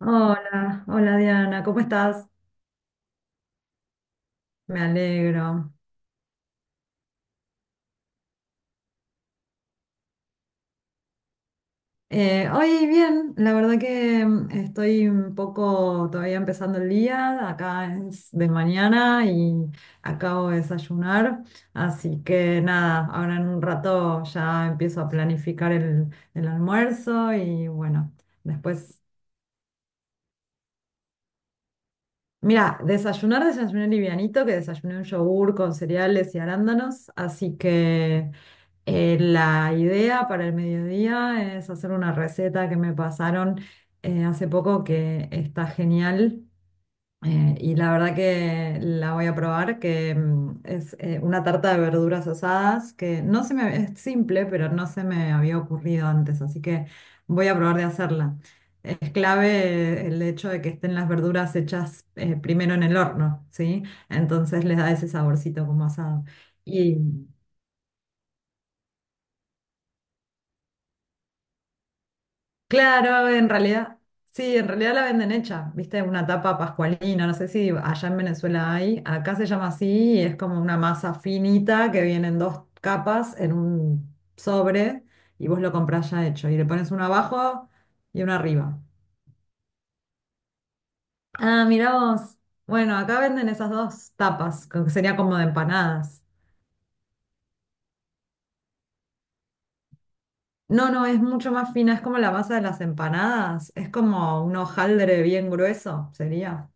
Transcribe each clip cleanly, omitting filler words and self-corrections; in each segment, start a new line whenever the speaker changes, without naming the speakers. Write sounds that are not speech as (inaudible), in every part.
Hola, hola Diana, ¿cómo estás? Me alegro. Hoy bien, la verdad que estoy un poco todavía empezando el día, acá es de mañana y acabo de desayunar, así que nada, ahora en un rato ya empiezo a planificar el almuerzo y bueno, después, mira, desayuné livianito, que desayuné un yogur con cereales y arándanos, así que... La idea para el mediodía es hacer una receta que me pasaron hace poco que está genial, y la verdad que la voy a probar, que es una tarta de verduras asadas que no se me, es simple, pero no se me había ocurrido antes, así que voy a probar de hacerla. Es clave el hecho de que estén las verduras hechas primero en el horno, ¿sí? Entonces les da ese saborcito como asado. Y Claro, en realidad, sí, en realidad la venden hecha, viste, una tapa pascualina, no sé si allá en Venezuela hay, acá se llama así y es como una masa finita que viene en dos capas en un sobre y vos lo comprás ya hecho y le pones uno abajo y uno arriba. Ah, mirá vos, bueno, acá venden esas dos tapas, que sería como de empanadas. No, no, es mucho más fina, es como la masa de las empanadas, es como un hojaldre bien grueso, sería.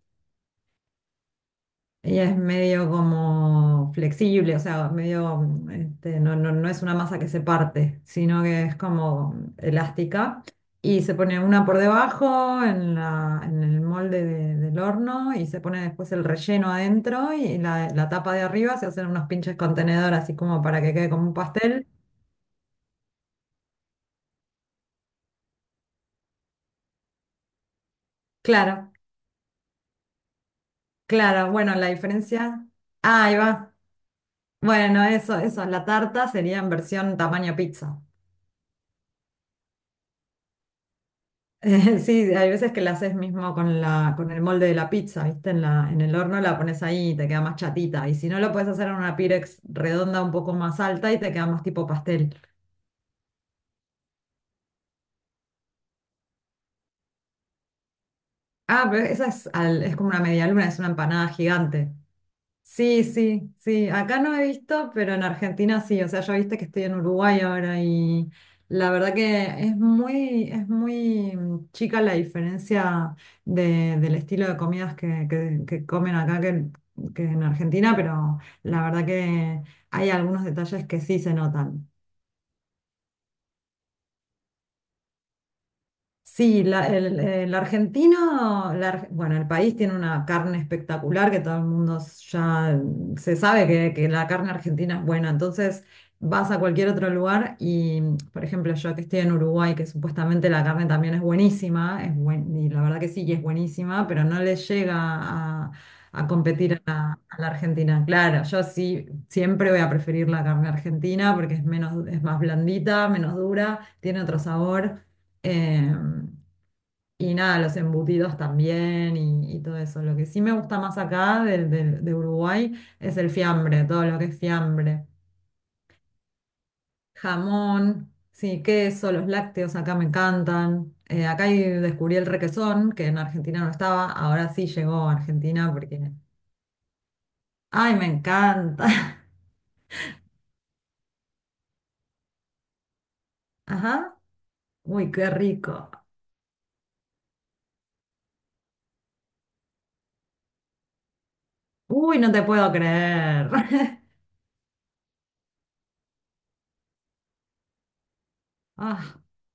Ella es medio como flexible, o sea, medio, no, no, no es una masa que se parte, sino que es como elástica. Y se pone una por debajo en en el molde del horno y se pone después el relleno adentro y la tapa de arriba se hacen unos pinches contenedor así como para que quede como un pastel. Claro, claro, bueno, la diferencia. Ah, ahí va. Bueno, eso, la tarta sería en versión tamaño pizza. (laughs) Sí, hay veces que la haces mismo con con el molde de la pizza, ¿viste? En en el horno la pones ahí y te queda más chatita. Y si no, lo puedes hacer en una Pirex redonda un poco más alta y te queda más tipo pastel. Ah, pero es como una media luna, es una empanada gigante. Sí, sí, sí. Acá no he visto, pero en Argentina sí. O sea, yo viste que estoy en Uruguay ahora y la verdad que es muy, chica la diferencia del estilo de comidas que comen acá que en Argentina, pero la verdad que hay algunos detalles que sí se notan. Sí, el argentino, bueno, el país tiene una carne espectacular que todo el mundo ya, se sabe que la carne argentina es buena. Entonces vas a cualquier otro lugar y, por ejemplo, yo que estoy en Uruguay, que supuestamente la carne también es buenísima, y la verdad que sí, que es buenísima, pero no le llega a, competir a a la Argentina. Claro, yo sí siempre voy a preferir la carne argentina porque es más blandita, menos dura, tiene otro sabor. Em, y nada, los embutidos también y todo eso. Lo que sí me gusta más acá de, Uruguay es el fiambre, todo lo que es fiambre. Jamón, sí, queso, los lácteos acá me encantan. Acá Ahí descubrí el requesón, que en Argentina no estaba, ahora sí llegó a Argentina porque... ¡Ay, me encanta! (laughs) Ajá. Uy, qué rico. Uy, no te puedo creer. (laughs) Ah,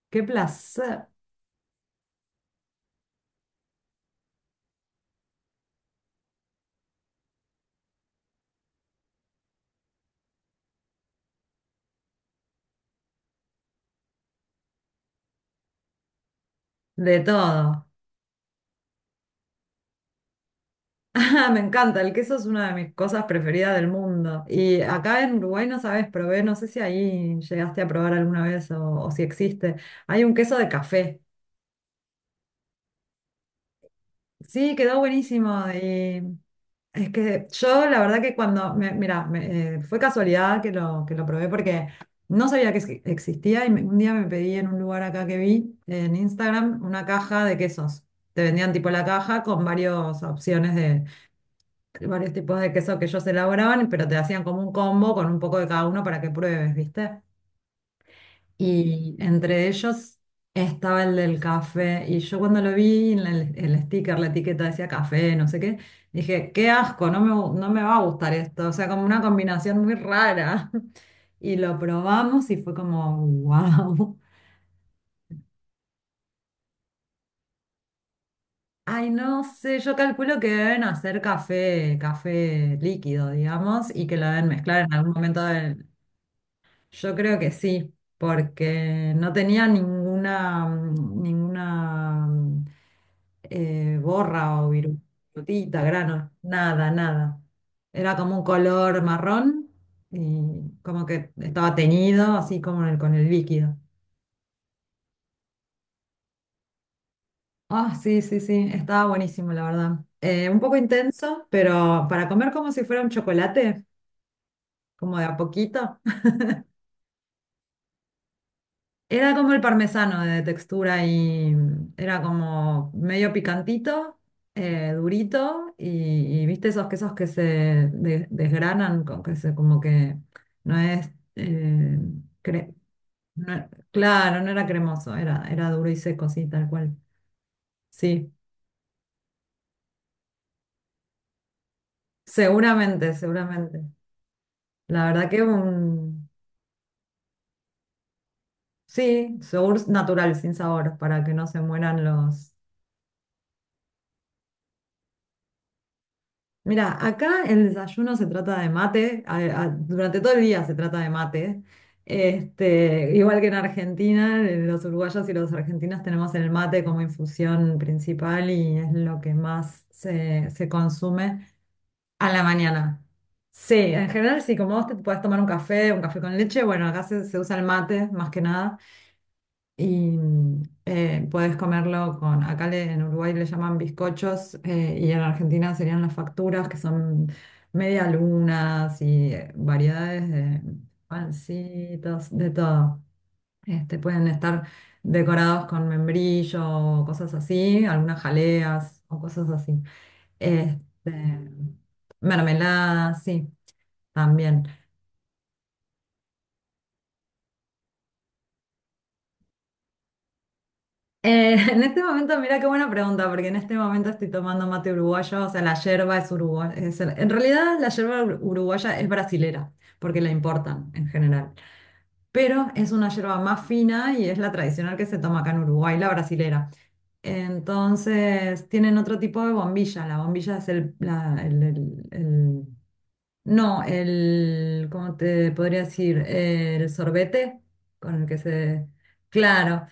qué placer. De todo. Ah, me encanta, el queso es una de mis cosas preferidas del mundo. Y acá en Uruguay, no sabes, probé, no sé si ahí llegaste a probar alguna vez o si existe. Hay un queso de café. Sí, quedó buenísimo. Y es que yo, la verdad que mira, fue casualidad que lo probé porque no sabía que existía y un día me pedí en un lugar acá que vi en Instagram una caja de quesos. Te vendían tipo la caja con varias opciones varios tipos de queso que ellos elaboraban, pero te hacían como un combo con un poco de cada uno para que pruebes, ¿viste? Y entre ellos estaba el del café. Y yo cuando lo vi en el sticker, la etiqueta decía café, no sé qué, dije, qué asco, no me va a gustar esto. O sea, como una combinación muy rara. (laughs) Y lo probamos y fue como, wow. Ay, no sé, yo calculo que deben hacer café, café líquido, digamos, y que lo deben mezclar en algún momento... Yo creo que sí, porque no tenía ninguna borra o virutita, grano, nada, nada. Era como un color marrón y como que estaba teñido, así como en con el líquido. Ah, sí, sí, sí, estaba buenísimo, la verdad. Un poco intenso, pero para comer como si fuera un chocolate, como de a poquito. Era como el parmesano de textura y, era como medio picantito, durito y viste esos quesos que se desgranan, que se, como que no es, eh, cre- claro, no era cremoso, era duro y seco, sí, tal cual. Sí, seguramente, seguramente. La verdad que un, sí, yogur natural, sin sabor, para que no se mueran los... Mira, acá el desayuno se trata de mate, durante todo el día se trata de mate. Igual que en Argentina, los uruguayos y los argentinos tenemos el mate como infusión principal y es lo que más se consume a la mañana. Sí, en general sí, como vos te podés tomar un café con leche, bueno, acá se usa el mate más que nada y, puedes comerlo con, en Uruguay le llaman bizcochos, y en Argentina serían las facturas que son media lunas y, variedades de pancitos, de todo. Pueden estar decorados con membrillo o cosas así, algunas jaleas o cosas así. Este, Mermeladas, sí, también. (laughs) En este momento, mira qué buena pregunta, porque en este momento estoy tomando mate uruguayo, o sea, la yerba es uruguaya. En realidad, la yerba uruguaya es brasilera, porque la importan en general. Pero es una yerba más fina y es la tradicional que se toma acá en Uruguay, la brasilera. Entonces, tienen otro tipo de bombilla. La bombilla es el, no, el, ¿cómo te podría decir? El sorbete con el que se... Claro.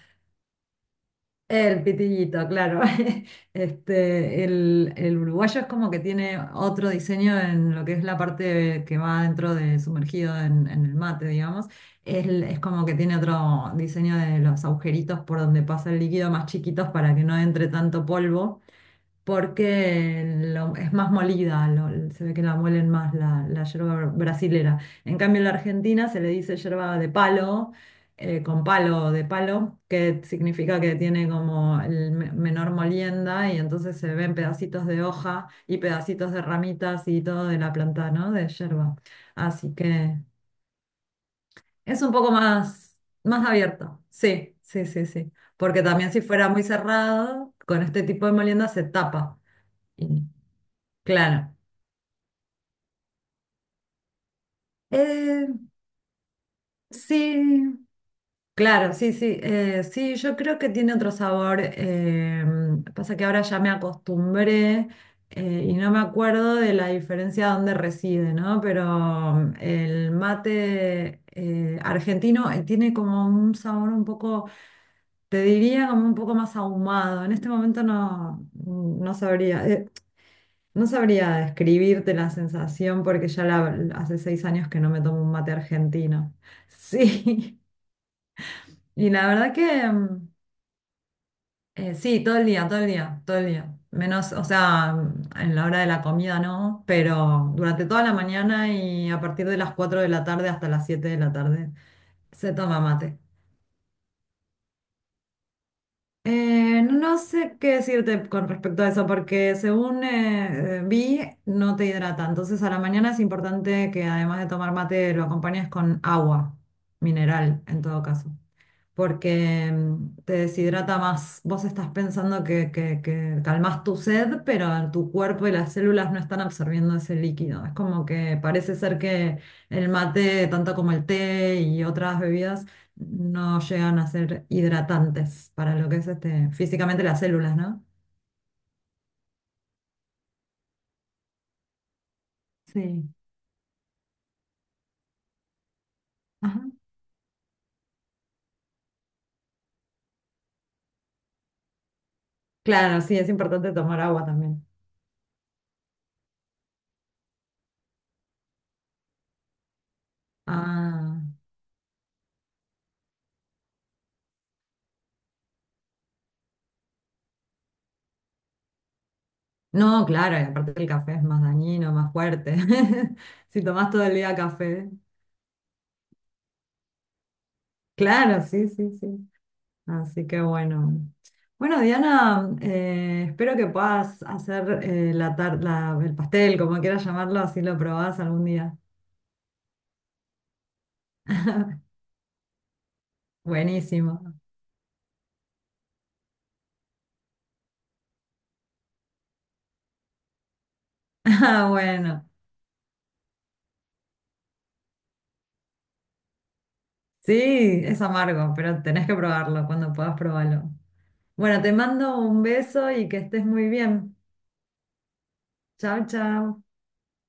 El pitillito, claro. (laughs) El uruguayo es como que tiene otro diseño en lo que es la parte que va dentro de sumergido en el mate, digamos. Es como que tiene otro diseño de los agujeritos por donde pasa el líquido más chiquitos para que no entre tanto polvo porque es más molida, se ve que la muelen más la yerba brasilera. En cambio, en la Argentina se le dice yerba de palo, con palo de palo, que significa que tiene como el menor molienda y entonces se ven pedacitos de hoja y pedacitos de ramitas y todo de la planta, ¿no? De yerba. Así que es un poco más, más abierto. Sí, sí, sí, sí. Porque también si fuera muy cerrado, con este tipo de molienda se tapa. Claro. Eh, sí, claro, sí, sí. Sí, yo creo que tiene otro sabor. Pasa que ahora ya me acostumbré, y no me acuerdo de la diferencia donde reside, ¿no? Pero el mate argentino, tiene como un sabor un poco, te diría como un poco más ahumado. En este momento no, no sabría. No sabría describirte la sensación porque hace 6 años que no me tomo un mate argentino. Sí, (laughs) y la verdad que sí, todo el día, todo el día, todo el día. Menos, o sea, en la hora de la comida no, pero durante toda la mañana y a partir de las 4 de la tarde hasta las 7 de la tarde se toma mate. No sé qué decirte con respecto a eso, porque según vi, no te hidrata. Entonces, a la mañana es importante que además de tomar mate, lo acompañes con agua mineral, en todo caso porque, te deshidrata más. Vos estás pensando que calmás tu sed, pero tu cuerpo y las células no están absorbiendo ese líquido. Es como que parece ser que el mate, tanto como el té y otras bebidas, no llegan a ser hidratantes para lo que es físicamente las células, ¿no? Sí. Ajá. Claro, sí, es importante tomar agua también. Ah, no, claro, y aparte el café es más dañino, más fuerte. (laughs) Si tomás todo el día café. Claro, sí, sí, sí. Así que bueno. Bueno, Diana, espero que puedas hacer el pastel, como quieras llamarlo, así lo probás algún día. Buenísimo. (laughs) Ah, bueno. Sí, es amargo, pero tenés que probarlo. Cuando puedas, probarlo. Bueno, te mando un beso y que estés muy bien. Chao, chao.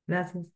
Gracias.